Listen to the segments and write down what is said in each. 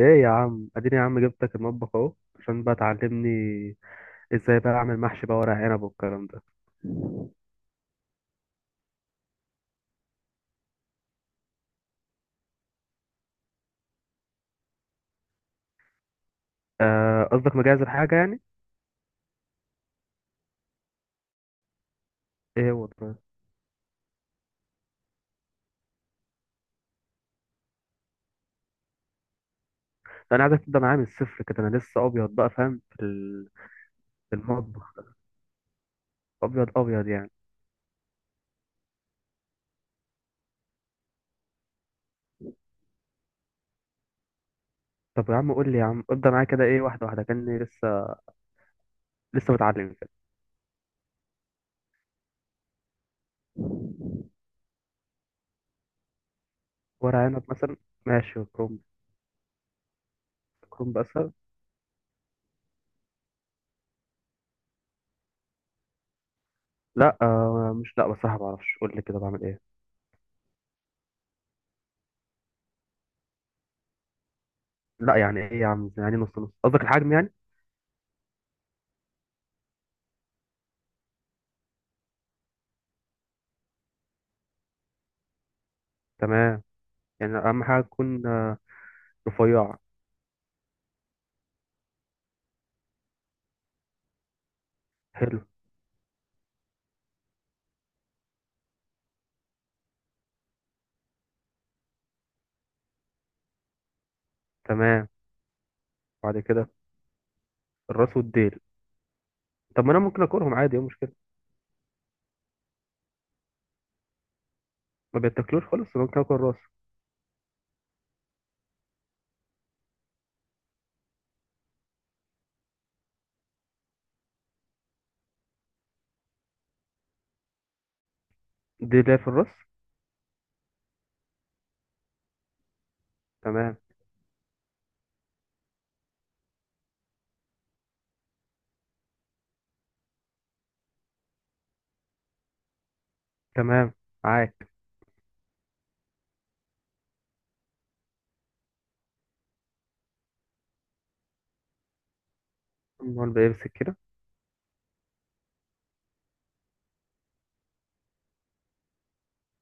ايه يا عم، اديني يا عم، جبتك المطبخ اهو. عشان بقى تعلمني. ازاي بقى اعمل محشي بقى، ورق عنب والكلام ده؟ آه، قصدك مجهز الحاجه يعني؟ ايه هو ده؟ انا عايزك تبدا معايا من الصفر كده، انا لسه ابيض بقى، فاهم في المطبخ. ابيض ابيض يعني. طب يا عم، قول لي يا عم، ابدا معايا كده ايه، واحده واحده كاني لسه متعلم كده. ورق عنب مثلا. ماشي، وكرنب. كرنب اسهل. لا، مش، لا بصراحه ما اعرفش، قول لي كده بعمل ايه؟ لا، يعني ايه يا عم؟ يعني نص نص قصدك الحجم يعني؟ تمام، يعني اهم حاجه تكون رفيعه. حلو. تمام، بعد كده. الراس والديل. طب ما انا ممكن اكلهم عادي، ايه المشكله؟ ما بيتاكلوش خالص؟ أنا ممكن اكل الراس. ديل ليا في الراس. تمام. تمام، معاك. امال بيمسك كده؟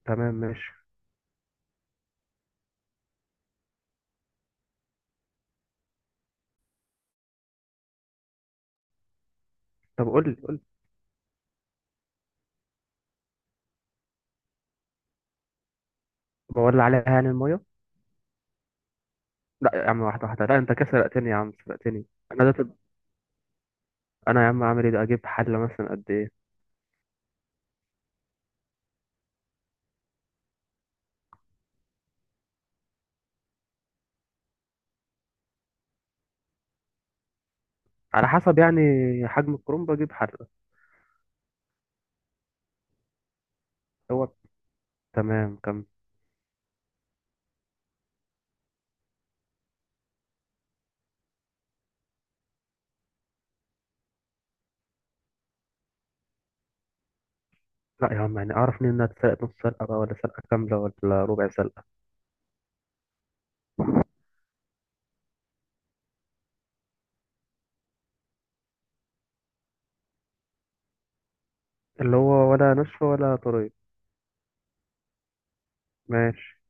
تمام، ماشي. طب، قول لي قول لي. بولع عليها، يعني الميه؟ لا يا عم، واحده واحده، لا، انت كده سرقتني يا عم، سرقتني. انا ده، طب، انا يا عم اعمل ايه؟ ده اجيب حله مثلا قد ايه؟ على حسب يعني. حجم الكرنب اجيب حله. هو. تمام، كمل. لا يا عم، يعني اعرف منين انها تسرق نص سلقه بقى، ولا سلقه كامله، ولا ربع سلقه؟ اللي هو ولا نصف ولا طريق. ماشي.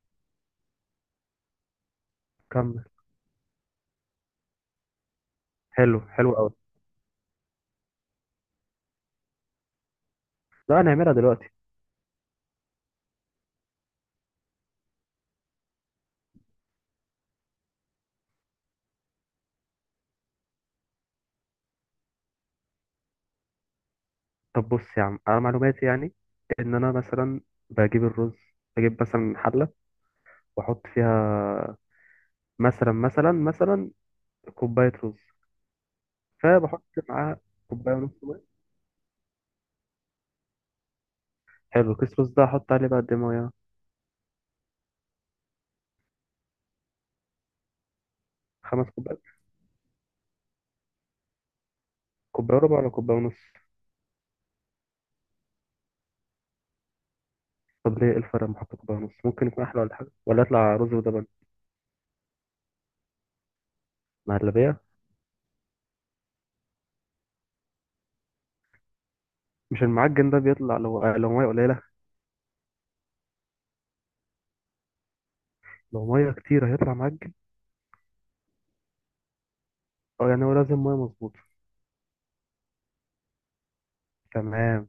كمل. حلو، حلو قوي. لا، نعملها دلوقتي. طب بص يا عم، انا معلوماتي يعني، ان انا مثلا بجيب الرز، بجيب مثلا حله، واحط فيها مثلا كوبايه رز، فبحط معاها كوبايه ونص ميه. حلو، كيس رز ده احط عليه بقى قد إيه ميه؟ خمس كوبايات؟ كوبايه وربع ولا كوبايه ونص؟ طب ليه؟ إيه الفرق لما احط كوبايه ونص؟ ممكن يكون احلى ولا حاجه، ولا يطلع رز ولبن؟ مهلبيه. مش المعجن ده بيطلع لو ميه قليله؟ لو ميه كتير هيطلع معجن. اه، يعني هو لازم ميه مظبوطه. تمام.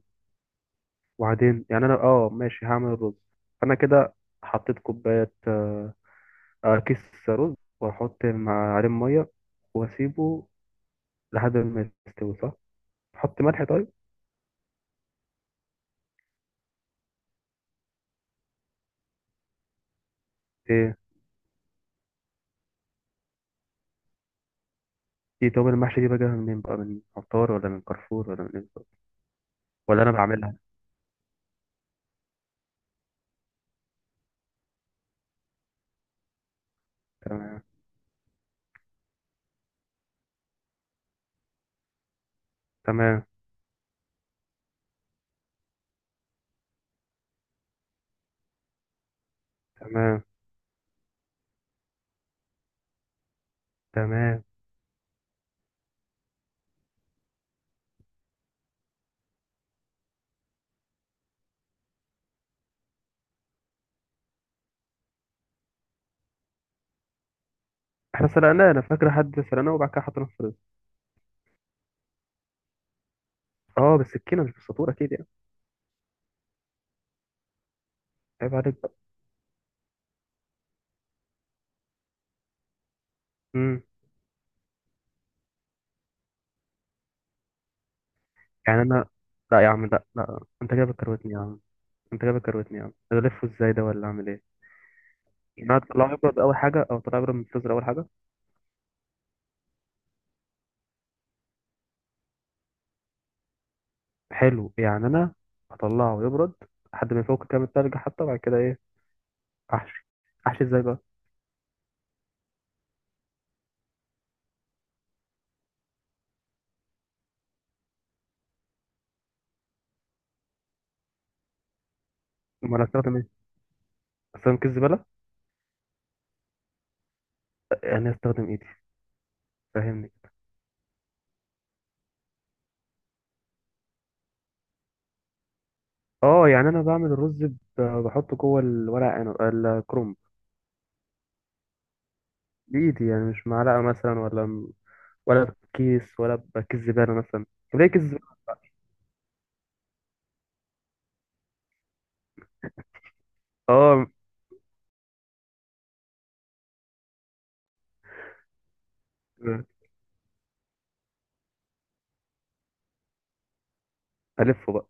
وبعدين يعني انا ماشي، هعمل الرز، انا كده حطيت كوبايه كيس رز، واحط مع عليه ميه، واسيبه لحد ما يستوي، صح؟ احط ملح؟ طيب. ايه؟ دي، طب المحشي دي بجيبها منين بقى، من عطار ولا من كارفور ولا من إيه بالظبط؟ ولا انا بعملها؟ تمام. تمام. تمام. تمام. احنا سلقناه، انا فاكر، حد سلقناه وبعد كده حطيناه في الرز. اه، بالسكينه مش بالسطور اكيد يعني. عيب عليك بقى. مم. يعني انا، لا يا عم، لا، لا، انت جاي بتكروتني يا عم، انت جاي بتكروتني يا عم، انا الفه ازاي ده ولا اعمل ايه؟ يعني انا هطلعه يبرد اول حاجه، او طلع يبرد من الفريزر اول حاجه. حلو، يعني انا هطلعه يبرد لحد ما يفك كام التلج، حتى بعد كده ايه؟ احشي؟ احشي ازاي بقى؟ امال هستخدم ايه؟ استخدم كيس زباله؟ يعني هستخدم ايدي؟ فاهمني؟ اه، يعني انا بعمل الرز بحطه جوه الورق عنب الكرنب، بايدي، يعني مش معلقه مثلا، ولا بكيس، ولا بكيس زباله مثلا؟ طب ليه كيس زبالة؟ اه. مم. ألفه بقى؟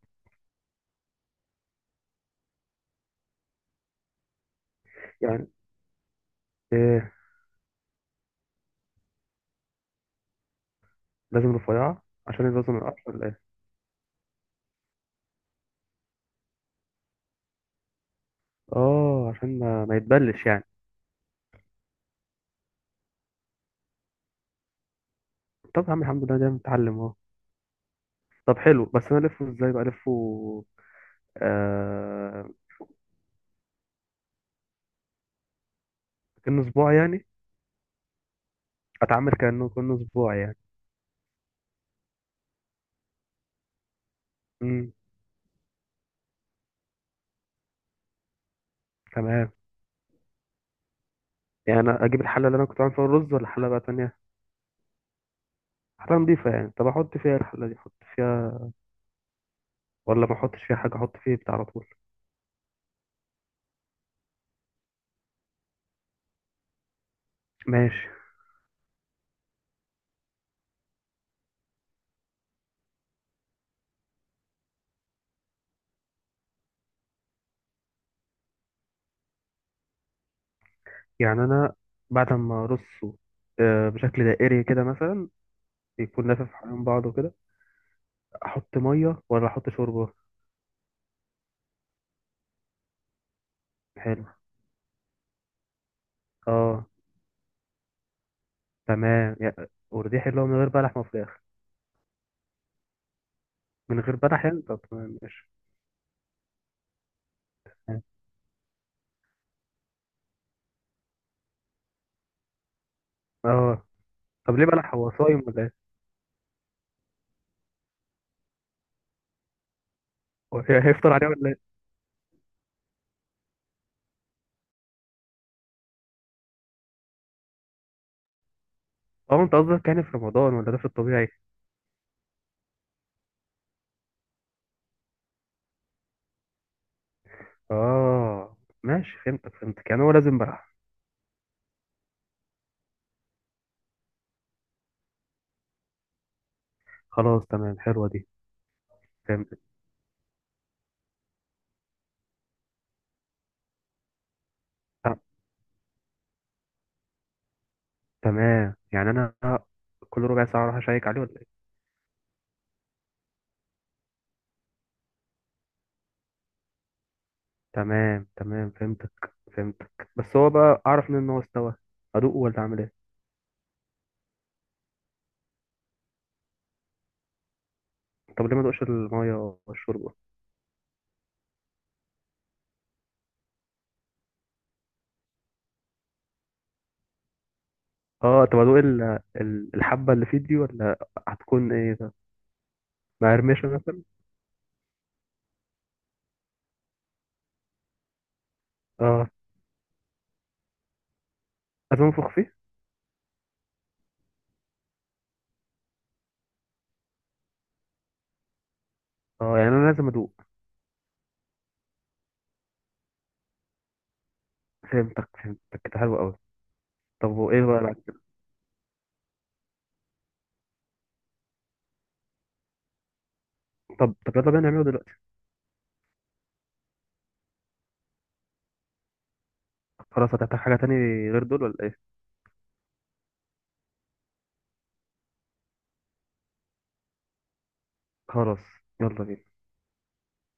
يعني إيه؟ لازم رفيعة عشان يبوظ من القطر ولا إيه؟ آه، عشان ما يتبلش يعني. طب يا عم الحمد لله، ده متعلم أهو. طب حلو، بس أنا ألفه إزاي بقى ألفه؟ آه... كأنه أسبوع يعني. أتعامل كأنه أسبوع يعني. مم. تمام، يعني أنا أجيب الحلة اللي أنا كنت عامل فيها الرز ولا حلة بقى تانية؟ حلة نضيفة يعني، طب أحط فيها إيه الحلة دي؟ أحط فيها ولا ما أحطش فيها حاجة؟ أحط فيه بتاع على طول؟ ماشي. يعني أنا بعد ما أرصه، بشكل دائري كده مثلا، يكون لافف حوالين بعضه كده. احط ميه ولا احط شوربه؟ حلو. اه، تمام يا. ورديح اللي هو من غير بلح ما فراخ. من غير بلح يعني، طب تمام ماشي. اه. طب ليه بلح؟ هو صايم ولا ايه؟ هيفطر عليه ولا ايه؟ اه، انت قصدك يعني في رمضان، ولا ده في الطبيعي؟ اه ماشي، فهمتك فهمتك، يعني هو لازم بلح. خلاص، تمام، حلوه دي. فهمت. آه. تمام، يعني انا كل ربع ساعه اروح اشيك عليه ولا ايه؟ تمام تمام، فهمتك فهمتك، بس هو بقى اعرف منين ان هو استوى؟ ادوقه ولا اعمل ايه؟ طب ليه ما دوقش المية والشوربة؟ اه طب ادوق الحبة اللي في دي، ولا هتكون ايه ده؟ مقرمشة مثلا؟ اه، لازم انفخ فيه. اه، يعني انا لازم ادوق؟ فهمتك فهمتك كده، حلو قوي. طب وايه بقى طب يلا بينا نعمله دلوقتي. خلاص، هتحتاج حاجة تاني غير دول ولا ايه؟ خلاص. يلا بينا.